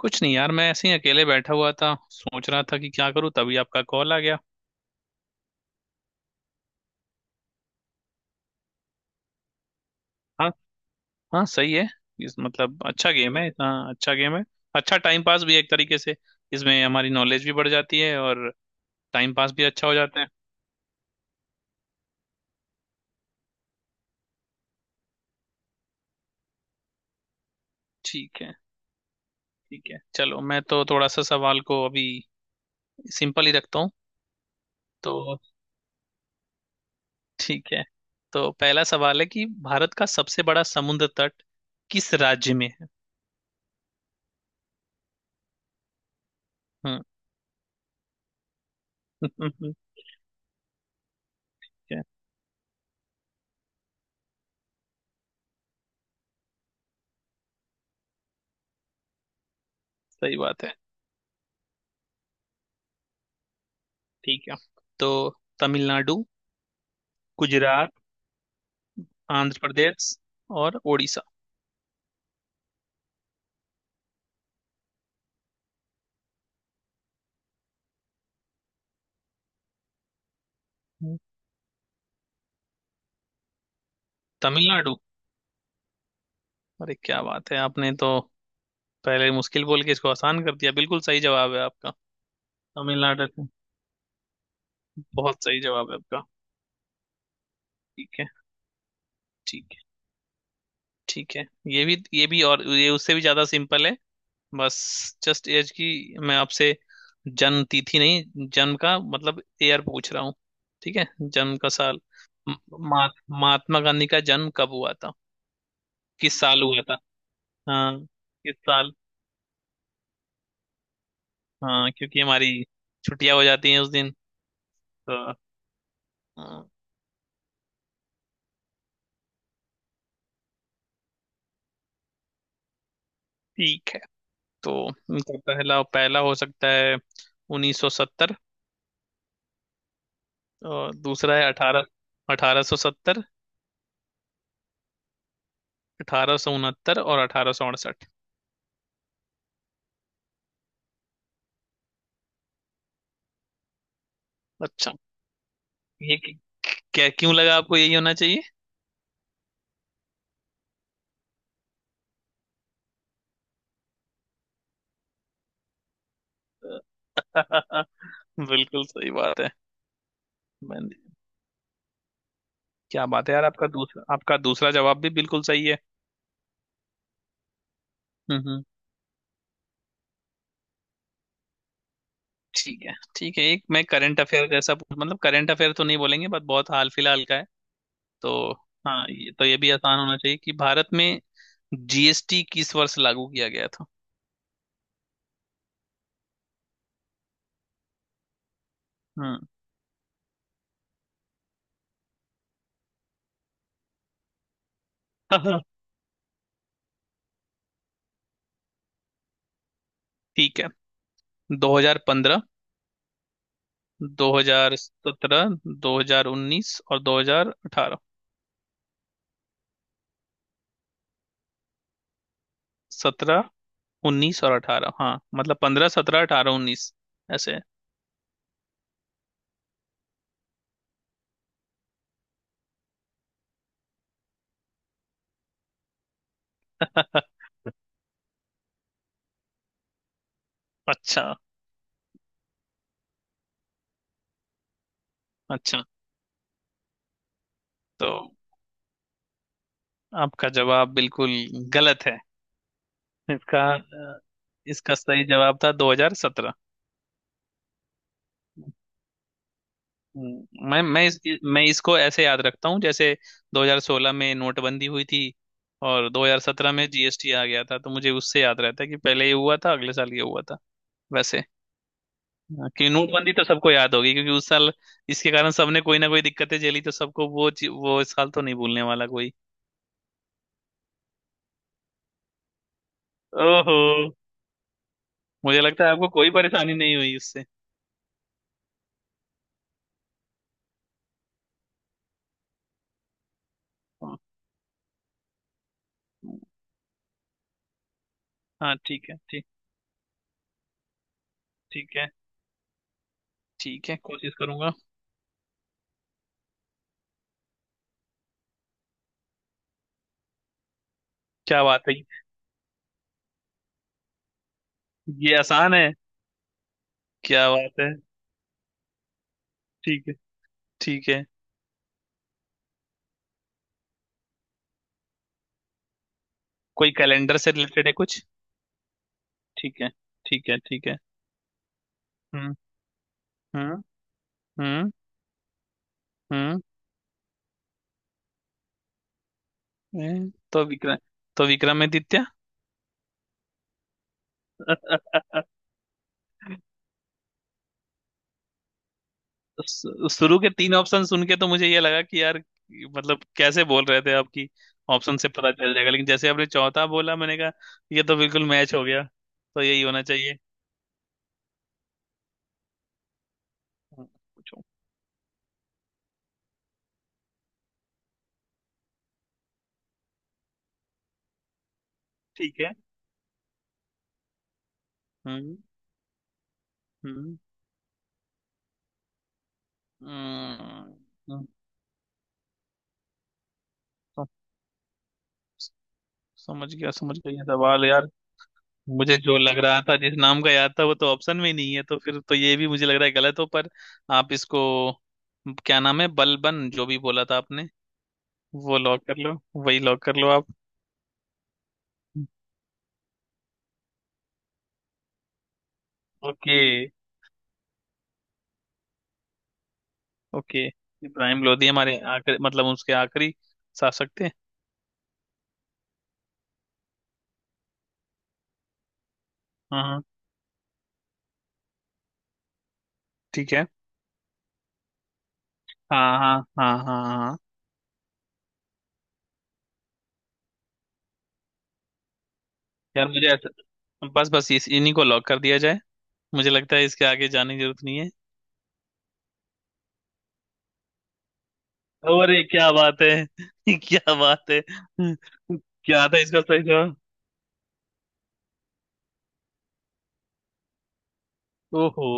कुछ नहीं यार। मैं ऐसे ही अकेले बैठा हुआ था, सोच रहा था कि क्या करूं, तभी आपका कॉल आ गया। हाँ। हाँ, सही है। इस मतलब अच्छा गेम है, इतना अच्छा गेम है। अच्छा, टाइम पास भी है एक तरीके से। इसमें हमारी नॉलेज भी बढ़ जाती है और टाइम पास भी अच्छा हो जाता है। ठीक है। ठीक है, चलो मैं तो थोड़ा सा सवाल को अभी सिंपल ही रखता हूँ। तो ठीक है। तो पहला सवाल है कि भारत का सबसे बड़ा समुद्र तट किस राज्य में है? हम्म। ठीक है। सही बात है। ठीक है, तो तमिलनाडु, गुजरात, आंध्र प्रदेश और उड़ीसा। हम्म। तमिलनाडु। अरे क्या बात है, आपने तो पहले मुश्किल बोल के इसको आसान कर दिया, बिल्कुल सही जवाब है आपका। तमिलनाडु। बहुत सही जवाब है आपका। ठीक है। ठीक है। ठीक है, ये भी और ये उससे भी ज्यादा सिंपल है। बस, जस्ट एज की, मैं आपसे जन्म तिथि नहीं, जन्म का मतलब ईयर पूछ रहा हूँ। ठीक है, जन्म का साल। म- महा- महात्मा गांधी का जन्म कब हुआ था, किस साल हुआ था? हाँ, किस साल? हाँ, क्योंकि हमारी छुट्टियां हो जाती हैं उस दिन। तो हाँ, ठीक है। तो उनका पहला, पहला हो सकता है 1970, और दूसरा है 18 1870, 1869 और 1868। अच्छा, ये क- क्या, क्यों लगा आपको यही होना चाहिए? बिल्कुल सही बात है। मैंने, क्या बात है यार, आपका दूसरा जवाब भी बिल्कुल सही है। हम्म। ठीक है। ठीक है, एक मैं करंट अफेयर जैसा पूछ, मतलब करंट अफेयर तो नहीं बोलेंगे बट बहुत हाल फिलहाल का है। तो हाँ, ये तो ये भी आसान होना चाहिए कि भारत में जीएसटी किस वर्ष लागू किया गया था। हम्म। ठीक है, 2015, 2017, 2019 और 2018। सत्रह, उन्नीस और अठारह, हाँ मतलब पंद्रह, सत्रह, अठारह, उन्नीस, ऐसे। अच्छा। अच्छा, तो आपका जवाब बिल्कुल गलत है। इसका अ, इसका सही जवाब था 2017। हम्म। मैं इसको ऐसे याद रखता हूँ, जैसे 2016 में नोटबंदी हुई थी और 2017 में जीएसटी आ गया था। तो मुझे उससे याद रहता है कि पहले ये हुआ था, अगले साल ये हुआ था। वैसे हाँ, कि नोटबंदी तो सबको याद होगी, क्योंकि उस साल इसके कारण सबने कोई ना कोई दिक्कतें झेली, तो सबको वो इस साल तो नहीं भूलने वाला कोई। ओहो। मुझे लगता है आपको कोई परेशानी नहीं हुई उससे। हाँ। हाँ, ठीक है। ठीक। ठीक है। ठीक है, कोशिश करूंगा। क्या बात है। ये आसान है? क्या बात है। ठीक है। ठीक है। कोई कैलेंडर से रिलेटेड है कुछ? ठीक है। ठीक है। ठीक है। हम्म। हम्म। हम्म। हम्म। ए, तो विक्रम तो विक्रमादित्य। शुरू के तीन ऑप्शन सुन के तो मुझे ये लगा कि यार, मतलब कैसे बोल रहे थे आपकी ऑप्शन से पता चल जाएगा। लेकिन जैसे आपने चौथा बोला, मैंने कहा ये तो बिल्कुल मैच हो गया, तो यही होना चाहिए। हम्म, पूछो। ठीक है। हम्म। हम्म। हम्म। हम्म। सम- समझ गया, समझ गया ये सवाल यार। मुझे जो लग रहा था, जिस नाम का याद था, वो तो ऑप्शन में ही नहीं है, तो फिर तो ये भी मुझे लग रहा है गलत हो, पर आप इसको, क्या नाम है, बलबन जो भी बोला था आपने, वो लॉक कर लो, वही लॉक कर लो आप। ओके। ओके। इब्राहिम लोधी हमारे आखिरी, मतलब उसके आखिरी शासक थे। हाँ। हाँ। ठीक है। हाँ, हाँ, हाँ, हाँ, हाँ। यार, मुझे ऐसा, बस, बस इस इन्हीं को लॉक कर दिया जाए, मुझे लगता है इसके आगे जाने की जरूरत नहीं है। अरे क्या बात है क्या बात है क्या था इसका सही जवाब? ओहो।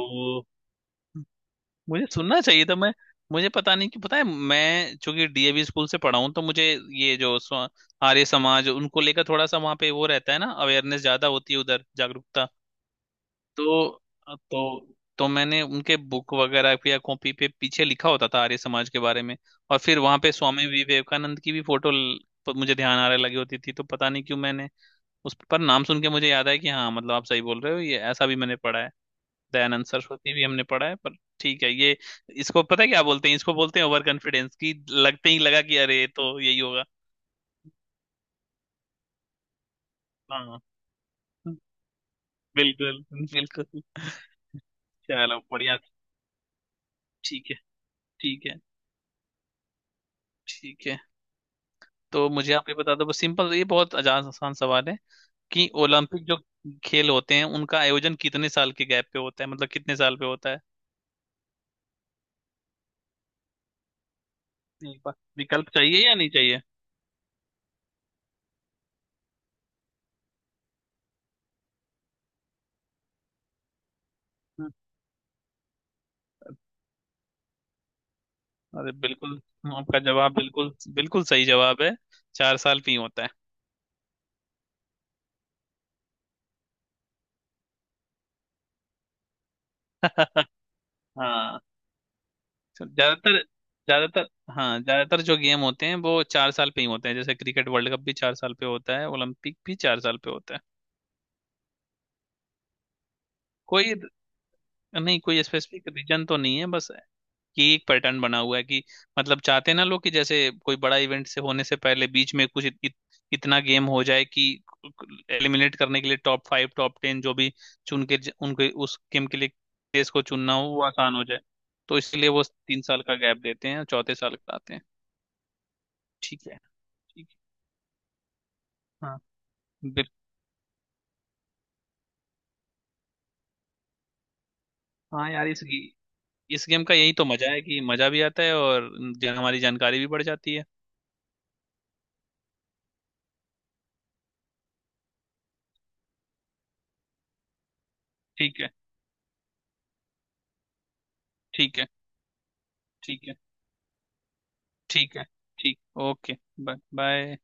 मुझे सुनना चाहिए था। मैं, मुझे पता नहीं कि पता है, मैं चूंकि डीएवी स्कूल से पढ़ा हूँ तो मुझे ये जो आर्य समाज, उनको लेकर थोड़ा सा वहाँ पे वो रहता है ना, अवेयरनेस ज्यादा होती है उधर, जागरूकता। तो तो तो मैंने उनके बुक वगैरह पे या कॉपी पे पीछे लिखा होता था आर्य समाज के बारे में, और फिर वहां पे स्वामी विवेकानंद की भी फोटो मुझे ध्यान आ रहा, लगी होती थी। तो पता नहीं क्यों मैंने उस पर नाम सुन के मुझे याद आया कि हाँ, मतलब आप सही बोल रहे हो, ये ऐसा भी मैंने पढ़ा है। दयानंद सरस्वती भी हमने पढ़ा है, पर ठीक है, ये, इसको पता है क्या बोलते हैं, इसको बोलते हैं ओवर कॉन्फिडेंस। की लगते ही लगा कि अरे, ये तो यही होगा। हाँ, बिल्कुल, बिल्कुल। चलो, बढ़िया। ठीक है। ठीक है। ठीक है, तो मुझे आप ये बता दो, बस सिंपल, ये बहुत आसान, आसान सवाल है कि ओलंपिक जो खेल होते हैं उनका आयोजन कितने साल के गैप पे होता है, मतलब कितने साल पे होता है? एक बार विकल्प चाहिए या नहीं चाहिए? हम्म। अरे बिल्कुल, आपका जवाब बिल्कुल, बिल्कुल सही जवाब है। 4 साल पे ही होता है। हाँ, तो ज्यादातर, ज्यादातर, हाँ ज्यादातर जो गेम होते हैं वो 4 साल पे ही होते हैं, जैसे क्रिकेट वर्ल्ड कप भी 4 साल पे होता है, ओलंपिक भी 4 साल पे होता है। कोई, नहीं, कोई स्पेसिफिक रीजन तो नहीं है, बस कि एक पैटर्न बना हुआ है कि, मतलब चाहते हैं ना लोग कि जैसे कोई बड़ा इवेंट से होने से पहले बीच में कुछ इत, इत, इतना गेम हो जाए कि एलिमिनेट करने के लिए टॉप फाइव, टॉप टेन जो भी चुन के उनके उस गेम के लिए देश को चुनना हो, वो आसान हो जाए। तो इसलिए वो 3 साल का गैप देते हैं और चौथे साल कराते हैं। ठीक है। ठीक है। हाँ। बिल हाँ यार, इस गेम का यही तो मजा है कि मजा भी आता है और हमारी जानकारी भी बढ़ जाती है। ठीक है। ठीक है। ठीक है। ठीक है। ठीक। ओके। Bye bye.